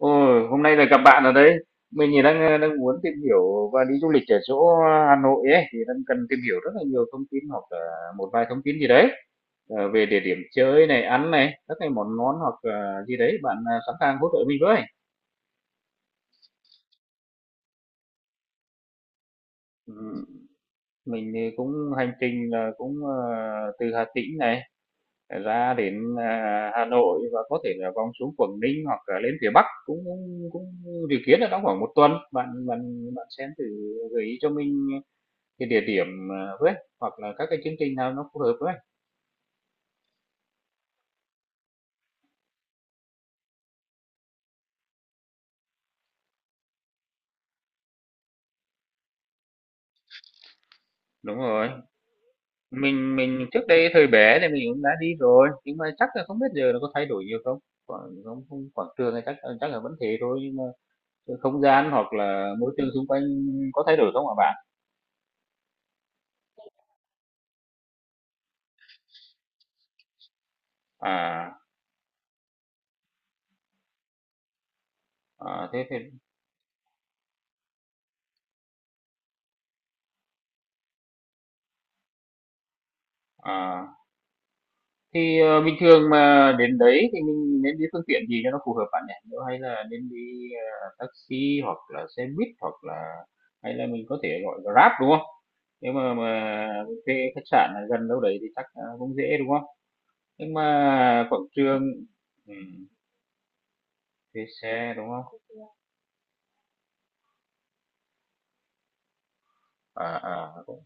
Ôi, hôm nay là gặp bạn ở đấy. Mình thì đang đang muốn tìm hiểu và đi du lịch ở chỗ Hà Nội ấy thì đang cần tìm hiểu rất là nhiều thông tin hoặc là một vài thông tin gì đấy về địa điểm chơi này, ăn này, các cái món ngon hoặc là gì đấy. Bạn sẵn sàng hỗ trợ mình với. Ừ, mình thì cũng hành trình là cũng từ Hà Tĩnh này ra đến Hà Nội và có thể là vòng xuống Quảng Ninh hoặc là lên phía Bắc cũng cũng, cũng dự kiến là trong khoảng một tuần. Bạn bạn bạn xem thử gợi ý cho mình cái địa điểm, hoặc là các cái chương trình nào nó phù hợp với. Đúng rồi, mình trước đây thời bé thì mình cũng đã đi rồi, nhưng mà chắc là không biết giờ nó có thay đổi nhiều không? Quảng không không quảng trường thì chắc chắc là vẫn thế thôi, nhưng mà cái không gian hoặc là môi trường xung quanh có thay đổi không ạ bạn? À, à, thế thì à. Thì, bình thường mà đến đấy thì mình nên đi phương tiện gì cho nó phù hợp bạn nhỉ? Nếu hay là nên đi, taxi hoặc là xe buýt hoặc là hay là mình có thể gọi Grab, đúng không? Nếu mà thuê khách sạn ở gần đâu đấy thì chắc, cũng dễ, đúng không? Nhưng mà quảng trường ừm, thuê xe, đúng không? À, à, cũng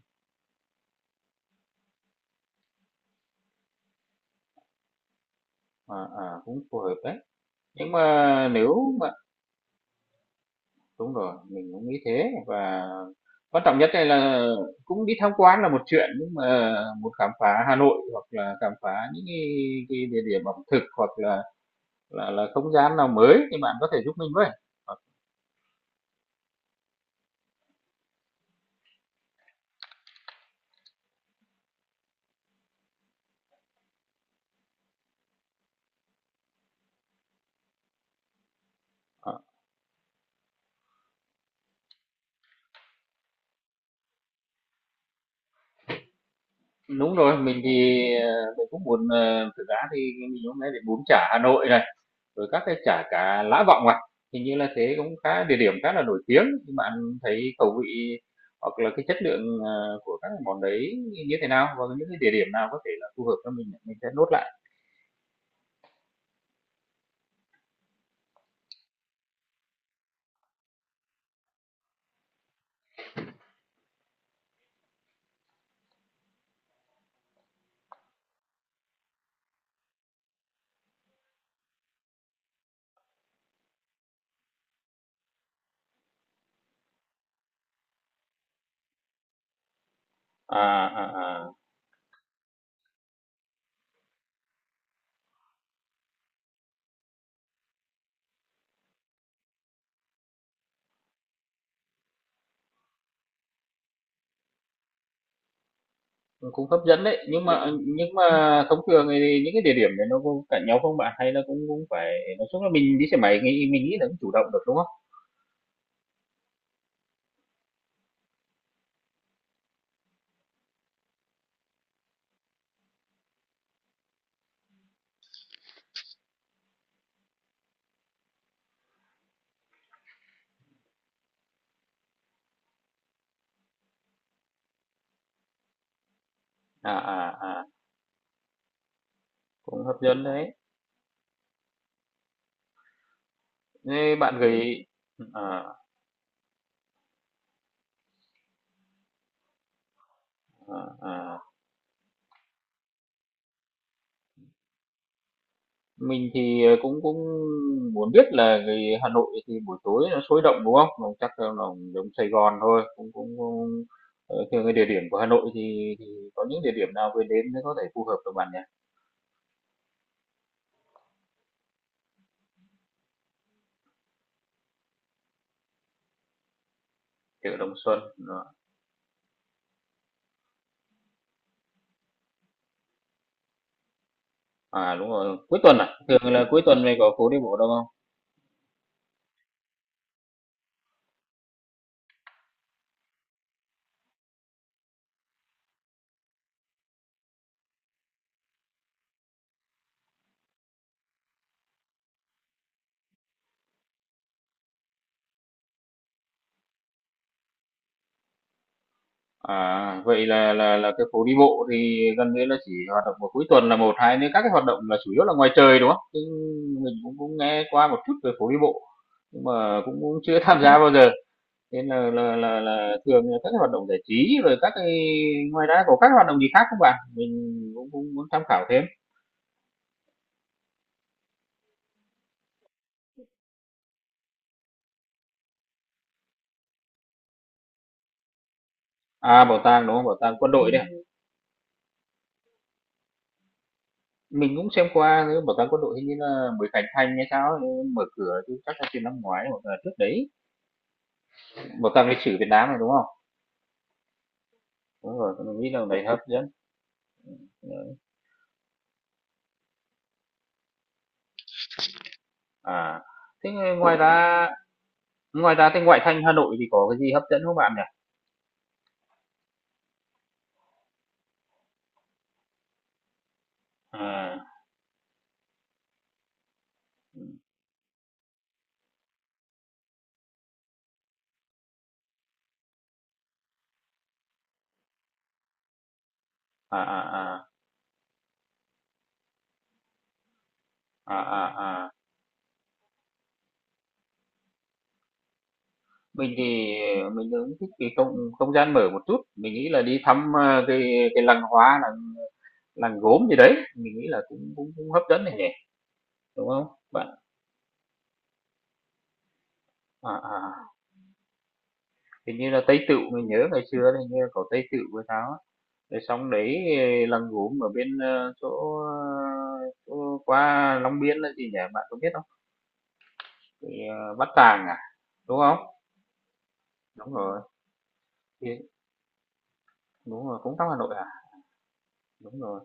à, à, cũng phù hợp đấy. Nhưng mà nếu đúng rồi, mình cũng nghĩ thế và quan trọng nhất đây là cũng đi tham quan là một chuyện, nhưng mà một khám phá Hà Nội hoặc là khám phá những cái địa điểm ẩm thực hoặc là là không gian nào mới thì bạn có thể giúp mình với. Ờ, ờ, đúng rồi, mình thì, mình cũng muốn, thực ra thì mình hôm nay đến bún chả Hà Nội này, rồi các cái chả cá Lã Vọng à? Hình như là thế cũng khá địa điểm khá là nổi tiếng, thì bạn thấy khẩu vị hoặc là cái chất lượng, của các món đấy như thế nào? Và những cái địa điểm nào có thể là phù hợp cho mình sẽ nốt lại. À, à, à. Cũng hấp dẫn đấy, nhưng mà thông thường thì những cái địa điểm này nó có cạnh nhau không bạn? Hay là cũng cũng phải nói chung là mình đi xe máy nghĩ mình nghĩ là cũng chủ động được, đúng không? À, à, à, cũng hấp dẫn đấy. Thế bạn gửi à, à, à. Mình thì, cũng cũng muốn biết là vì Hà Nội thì buổi tối nó sôi động, đúng không? Nó chắc là nó giống Sài Gòn thôi, cũng cũng cũng theo cái địa điểm của Hà Nội thì có những địa điểm nào vừa đến mới có thể phù hợp được bạn nhỉ? Chợ Đồng Xuân, ờ, à, đúng rồi, cuối tuần à? Thường là cuối tuần này có phố đi bộ đâu không? À, vậy là cái phố đi bộ thì gần như là chỉ hoạt động vào cuối tuần là một, hai nữa các cái hoạt động là chủ yếu là ngoài trời, đúng không? Chứ mình cũng cũng nghe qua một chút về phố đi bộ, nhưng mà cũng cũng chưa tham gia bao giờ. Thế là thường là các cái hoạt động giải trí rồi các cái ngoài ra có các hoạt động gì khác không bạn? Mình cũng cũng muốn tham khảo thêm. À, bảo tàng, đúng không? Bảo tàng quân đội đấy à? Mình cũng xem qua cái bảo tàng quân đội hình như là mới khánh thành hay sao ấy, mở cửa chứ chắc là từ năm ngoái hoặc là trước đấy. Bảo tàng lịch sử Việt Nam này, đúng không? Đúng rồi, mình nghĩ là đấy hấp dẫn. À, thế ngoài ra thì ngoại thành Hà Nội thì có cái gì hấp dẫn không bạn nhỉ? À, à, à, à, à, à, à. Mình thì, mình cũng thích cái không không gian mở một chút, mình nghĩ là đi thăm, cái làng hoa, làng làng gốm gì đấy, mình nghĩ là cũng cũng cũng hấp dẫn này nhỉ, đúng không? Bạn à, à, hình như là Tây Tựu, mình nhớ ngày xưa là hình như là có Tây Tựu với tháo á, rồi xong đấy làng gốm ở bên, chỗ, chỗ qua Long Biên là gì nhỉ, bạn có biết không? Cái, Bát Tràng à, đúng không? Đúng rồi, thì đúng rồi, cũng trong Hà Nội à? Đúng rồi.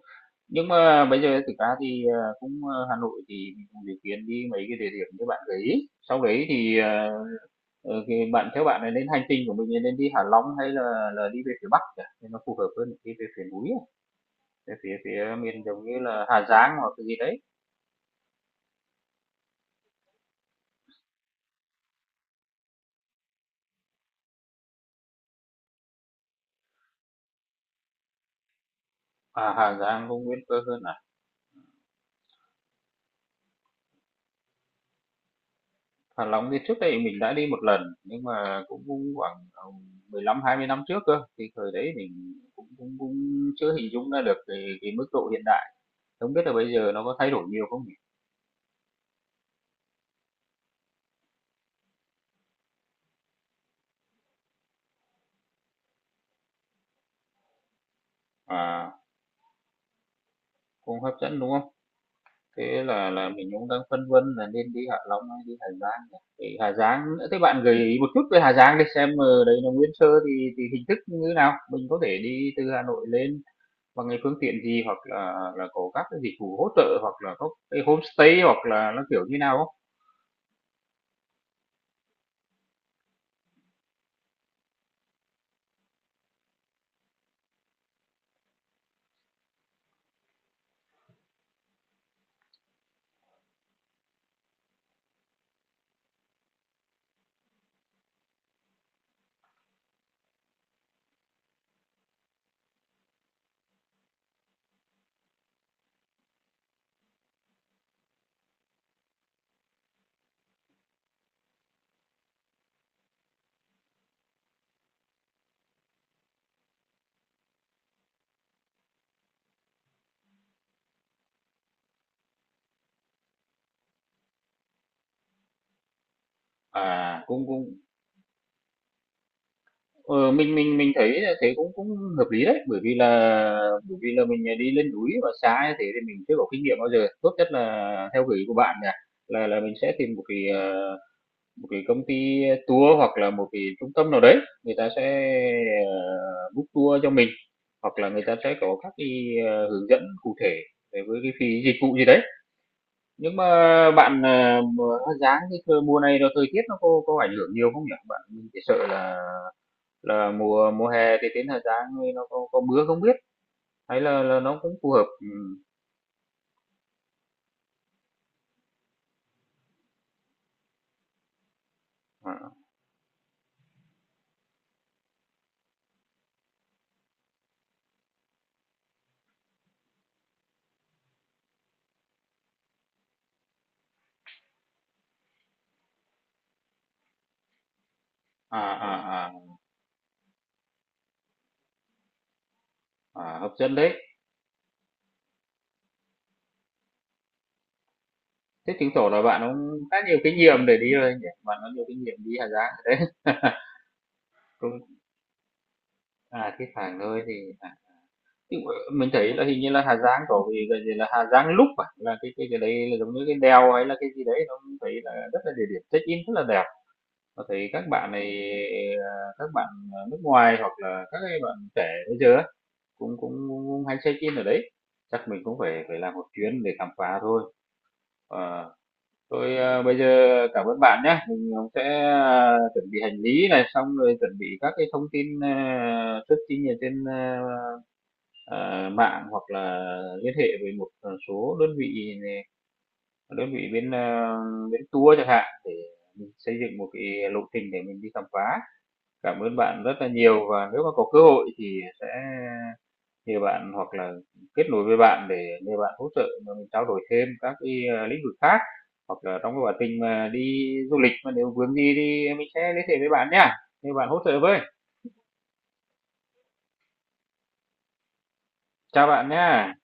Nhưng mà bây giờ thực ra thì, cũng, Hà Nội thì mình cũng dự kiến đi mấy cái địa điểm như bạn gợi ý. Sau đấy thì, bạn theo bạn này nên hành trình của mình là nên đi Hạ Long hay là đi về phía Bắc nhỉ? Thì nó phù hợp hơn đi về phía núi à, về phía phía miền giống như là Hà Giang hoặc cái gì đấy. À, Hà Giang cũng nguyên cơ hơn à. Hạ Long thì trước đây mình đã đi một lần nhưng mà cũng khoảng 15 20 năm trước cơ. Thì thời đấy mình cũng cũng, cũng chưa hình dung ra được cái mức độ hiện đại. Không biết là bây giờ nó có thay đổi nhiều không nhỉ? À. Cũng hấp dẫn, đúng không? Thế là mình cũng đang phân vân là nên đi Hạ Long hay đi Hà Giang nhỉ? Thì Hà Giang nữa, thế bạn gợi ý một chút về Hà Giang để xem ở đấy là nguyên sơ thì hình thức như thế nào? Mình có thể đi từ Hà Nội lên bằng cái phương tiện gì hoặc là có các cái dịch vụ hỗ trợ hoặc là có cái homestay hoặc là nó kiểu như nào không? À, cũng cũng ờ, mình thấy là thế cũng cũng hợp lý đấy, bởi vì là mình, à, đi lên núi và xa như thế thì mình chưa có kinh nghiệm bao giờ. Tốt nhất là theo gợi ý của bạn nè, là mình sẽ tìm một cái, một cái công ty tour hoặc là một cái trung tâm nào đấy, người ta sẽ, ờ, book tour cho mình, hoặc là người ta sẽ có các cái, hướng dẫn cụ thể về với cái phí dịch vụ gì đấy. Nhưng mà bạn, à, mà giá cái thời mùa này rồi thời tiết nó có ảnh hưởng nhiều không nhỉ? Bạn mình chỉ sợ là mùa mùa hè thì đến thời gian thì nó có mưa không biết hay là nó cũng phù hợp ừ. À, à, à, à, à, hợp dẫn đấy. Thế chứng tỏ là bạn cũng khá nhiều kinh nghiệm để đi rồi nhỉ, bạn có nhiều kinh nghiệm đi Hà Giang đấy. Cũng à cái phải nơi thì à, thì mình thấy là hình như là Hà Giang có vì cái gì là Hà Giang lúc à là cái đấy là giống như cái đèo hay là cái gì đấy nó cũng thấy là rất là địa điểm check in rất là đẹp và thấy các bạn này à, các bạn nước ngoài hoặc là các cái bạn trẻ bây giờ á, Cũng cũng cũng hay check in ở đấy, chắc mình cũng phải phải làm một chuyến để khám phá thôi. Ờ, thôi, bây giờ cảm ơn bạn nhé, mình, sẽ, chuẩn bị hành lý này, xong rồi chuẩn bị các cái thông tin, searching ở trên, mạng hoặc là liên hệ với một, số đơn vị nè, đơn vị bên, bên tour chẳng hạn để mình xây dựng một cái lộ trình để mình đi khám phá. Cảm ơn bạn rất là nhiều và nếu mà có cơ hội thì sẽ thì bạn hoặc là kết nối với bạn để nhờ bạn hỗ trợ mình trao đổi thêm các cái, lĩnh vực khác, hoặc là trong cái quá trình mà đi du lịch mà nếu vướng gì thì mình sẽ liên hệ với bạn nhá, nhờ bạn hỗ trợ với. Chào bạn nha.